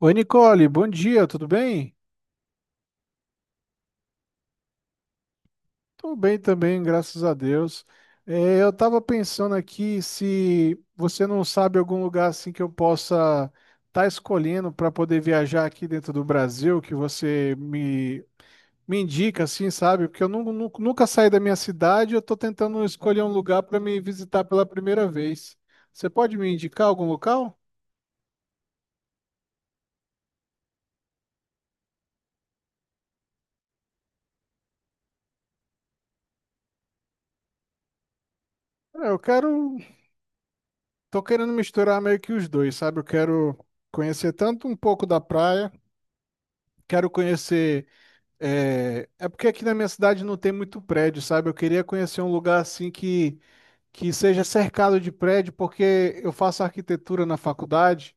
Oi, Nicole, bom dia, tudo bem? Tô bem também, graças a Deus. Eu tava pensando aqui se você não sabe algum lugar assim que eu possa estar escolhendo para poder viajar aqui dentro do Brasil, que você me indica assim, sabe? Porque eu nunca saí da minha cidade, eu tô tentando escolher um lugar para me visitar pela primeira vez. Você pode me indicar algum local? É, Eu quero, Tô querendo misturar meio que os dois, sabe? Eu quero conhecer tanto um pouco da praia. Quero conhecer. É, é porque aqui na minha cidade não tem muito prédio, sabe? Eu queria conhecer um lugar assim que seja cercado de prédio, porque eu faço arquitetura na faculdade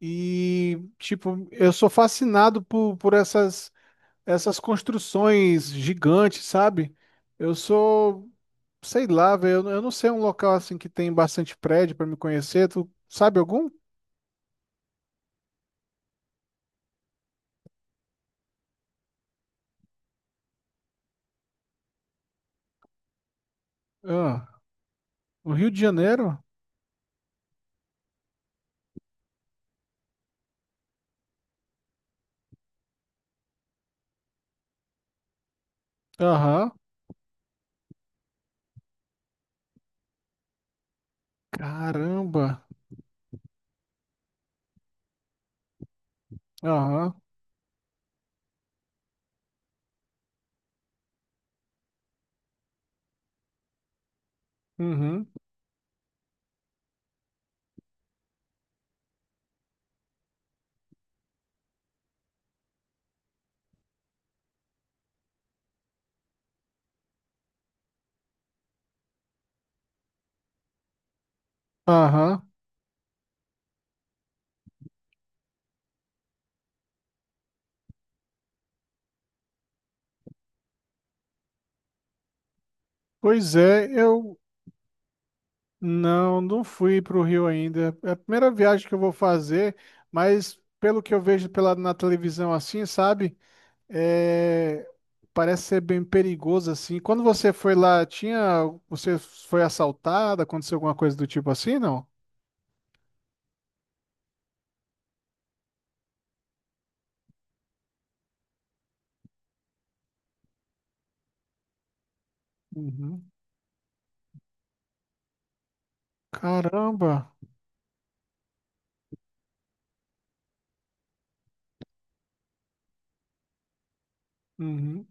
e, tipo, eu sou fascinado por essas construções gigantes, sabe? Eu sou, sei lá, velho, eu não sei um local assim que tem bastante prédio para me conhecer. Tu sabe algum? Ah, o Rio de Janeiro? Aham. Caramba. Aham. Uhum. Aham. Pois é, eu não fui para o Rio ainda. É a primeira viagem que eu vou fazer, mas pelo que eu vejo na televisão assim, sabe? É, parece ser bem perigoso assim. Quando você foi lá, você foi assaltada? Aconteceu alguma coisa do tipo assim, não? Uhum. Caramba. Uhum.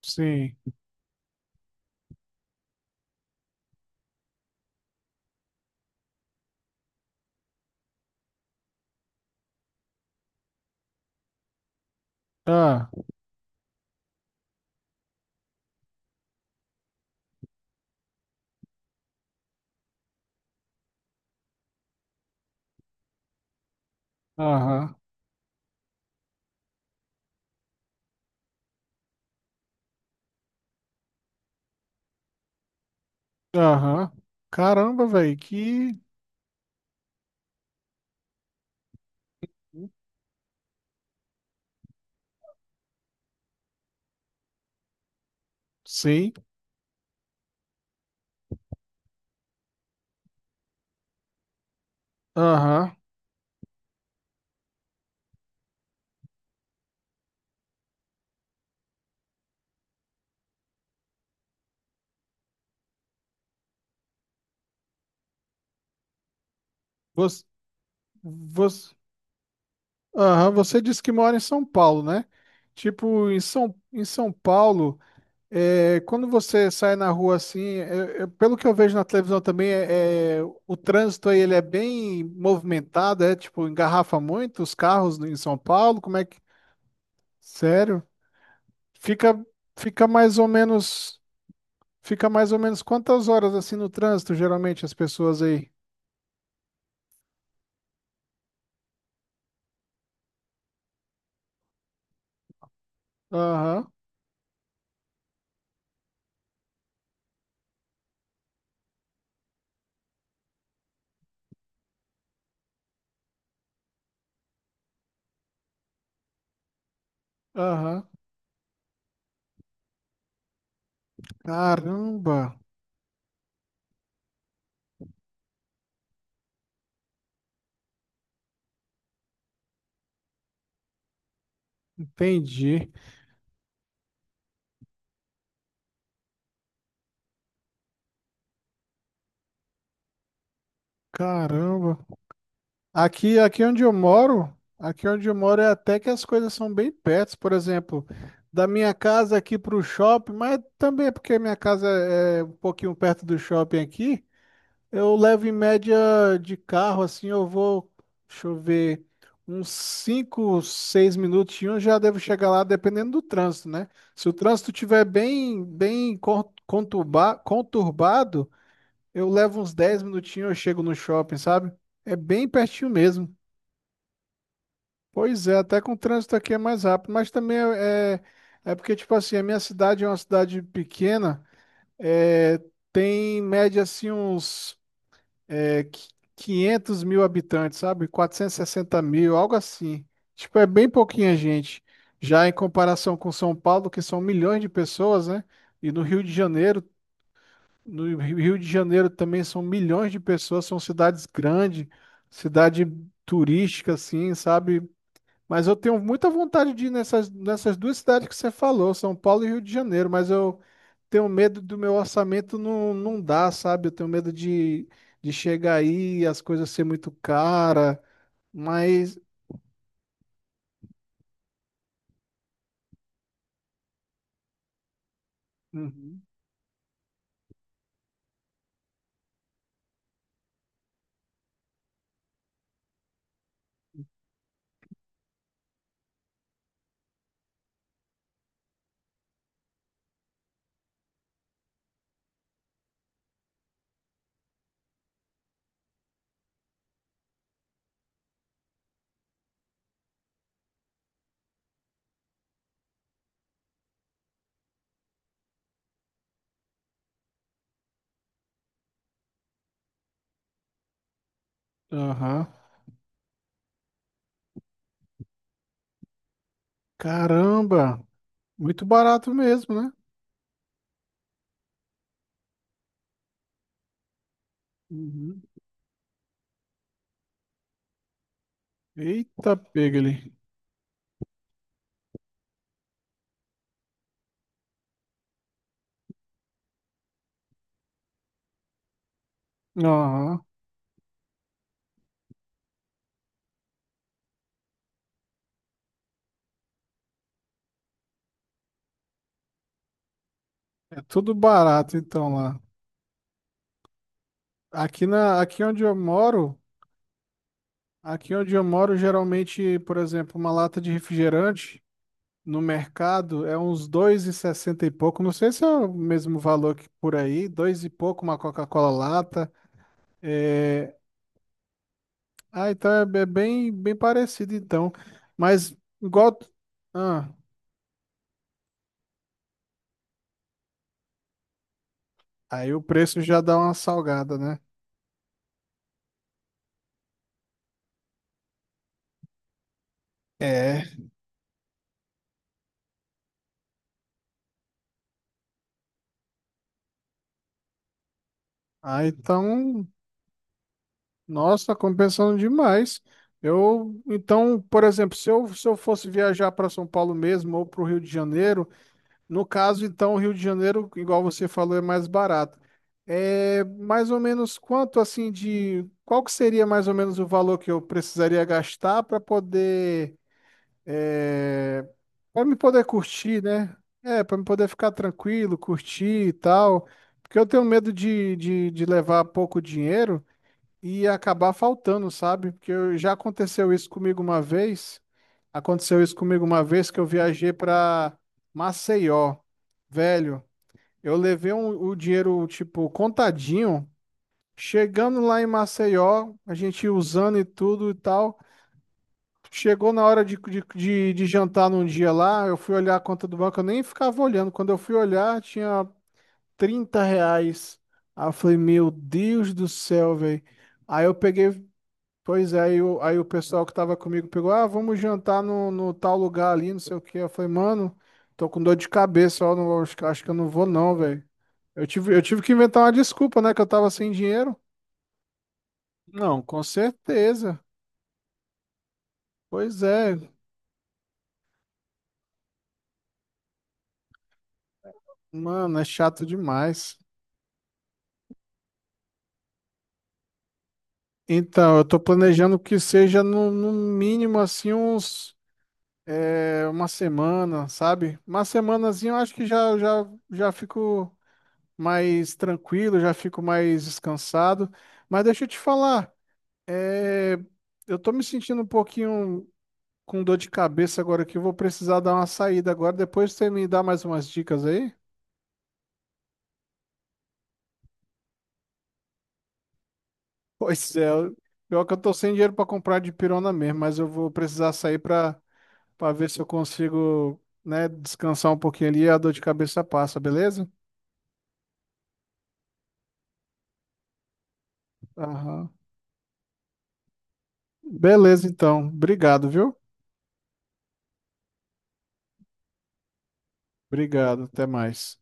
Sim. Ah, aham. Aham. Caramba, velho, que sim. Aham. Você, aham, você disse que mora em São Paulo, né? Tipo, em São Paulo, é, quando você sai na rua assim, pelo que eu vejo na televisão também, o trânsito aí ele é bem movimentado, é tipo, engarrafa muito os carros em São Paulo, como é que... Sério? Fica, fica mais ou menos, fica mais ou menos quantas horas assim no trânsito, geralmente, as pessoas aí? Aham, aham. Caramba, entendi. Caramba. Aqui onde eu moro é até que as coisas são bem perto, por exemplo, da minha casa aqui para o shopping, mas também é porque minha casa é um pouquinho perto do shopping aqui, eu levo em média de carro, assim, deixa eu ver, uns 5, 6 minutinhos já devo chegar lá, dependendo do trânsito, né? Se o trânsito tiver bem conturbado, eu levo uns 10 minutinhos, eu chego no shopping, sabe? É bem pertinho mesmo. Pois é, até com o trânsito aqui é mais rápido, mas também é porque, tipo assim, a minha cidade é uma cidade pequena, é, tem em média assim uns é, qui- 500 mil habitantes, sabe? 460 mil, algo assim. Tipo, é bem pouquinha gente. Já em comparação com São Paulo, que são milhões de pessoas, né? E no Rio de Janeiro, no Rio de Janeiro também são milhões de pessoas, são cidades grandes, cidade turística, assim, sabe? Mas eu tenho muita vontade de ir nessas duas cidades que você falou, São Paulo e Rio de Janeiro, mas eu tenho medo do meu orçamento não dar, sabe? Eu tenho medo de chegar aí e as coisas ser muito cara, mas... Uhum. Aham. Caramba, muito barato mesmo, né? Uhum. Eita, pegli. Aham. É tudo barato então lá. Aqui na, aqui onde eu moro, aqui onde eu moro, geralmente, por exemplo, uma lata de refrigerante no mercado é uns dois e sessenta e pouco, não sei se é o mesmo valor que por aí, dois e pouco uma Coca-Cola lata. É... Ah, então é bem parecido então, mas igual... Ah, aí o preço já dá uma salgada, né? É. Ah, então, nossa, compensando demais. Então, por exemplo, se eu fosse viajar para São Paulo mesmo ou para o Rio de Janeiro, no caso, então, o Rio de Janeiro, igual você falou, é mais barato. É mais ou menos quanto assim de qual que seria mais ou menos o valor que eu precisaria gastar para poder é, para me poder curtir, né? É, para me poder ficar tranquilo, curtir e tal. Porque eu tenho medo de levar pouco dinheiro e acabar faltando, sabe? Porque já aconteceu isso comigo uma vez. Aconteceu isso comigo uma vez que eu viajei para Maceió. Velho, eu levei o dinheiro, tipo, contadinho. Chegando lá em Maceió, a gente usando e tudo e tal. Chegou na hora de jantar num dia lá, eu fui olhar a conta do banco, eu nem ficava olhando. Quando eu fui olhar, tinha R$ 30. Aí eu falei, meu Deus do céu, velho. Aí eu peguei, pois é, aí o pessoal que tava comigo pegou, ah, vamos jantar no tal lugar ali, não sei o quê. Eu falei, mano, tô com dor de cabeça, ó, não, acho que eu não vou não, velho. Eu tive que inventar uma desculpa, né, que eu tava sem dinheiro. Não, com certeza. Pois é, mano, é chato demais. Então, eu tô planejando que seja no mínimo, assim, uma semana, sabe? Uma semanazinha eu acho que já fico mais tranquilo, já fico mais descansado. Mas deixa eu te falar, é, eu tô me sentindo um pouquinho com dor de cabeça agora que eu vou precisar dar uma saída agora. Depois você me dá mais umas dicas aí? Pois é, pior que eu tô sem dinheiro para comprar de pirona mesmo, mas eu vou precisar sair para ver se eu consigo, né, descansar um pouquinho ali e a dor de cabeça passa, beleza? Aham. Beleza, então. Obrigado, viu? Obrigado, até mais.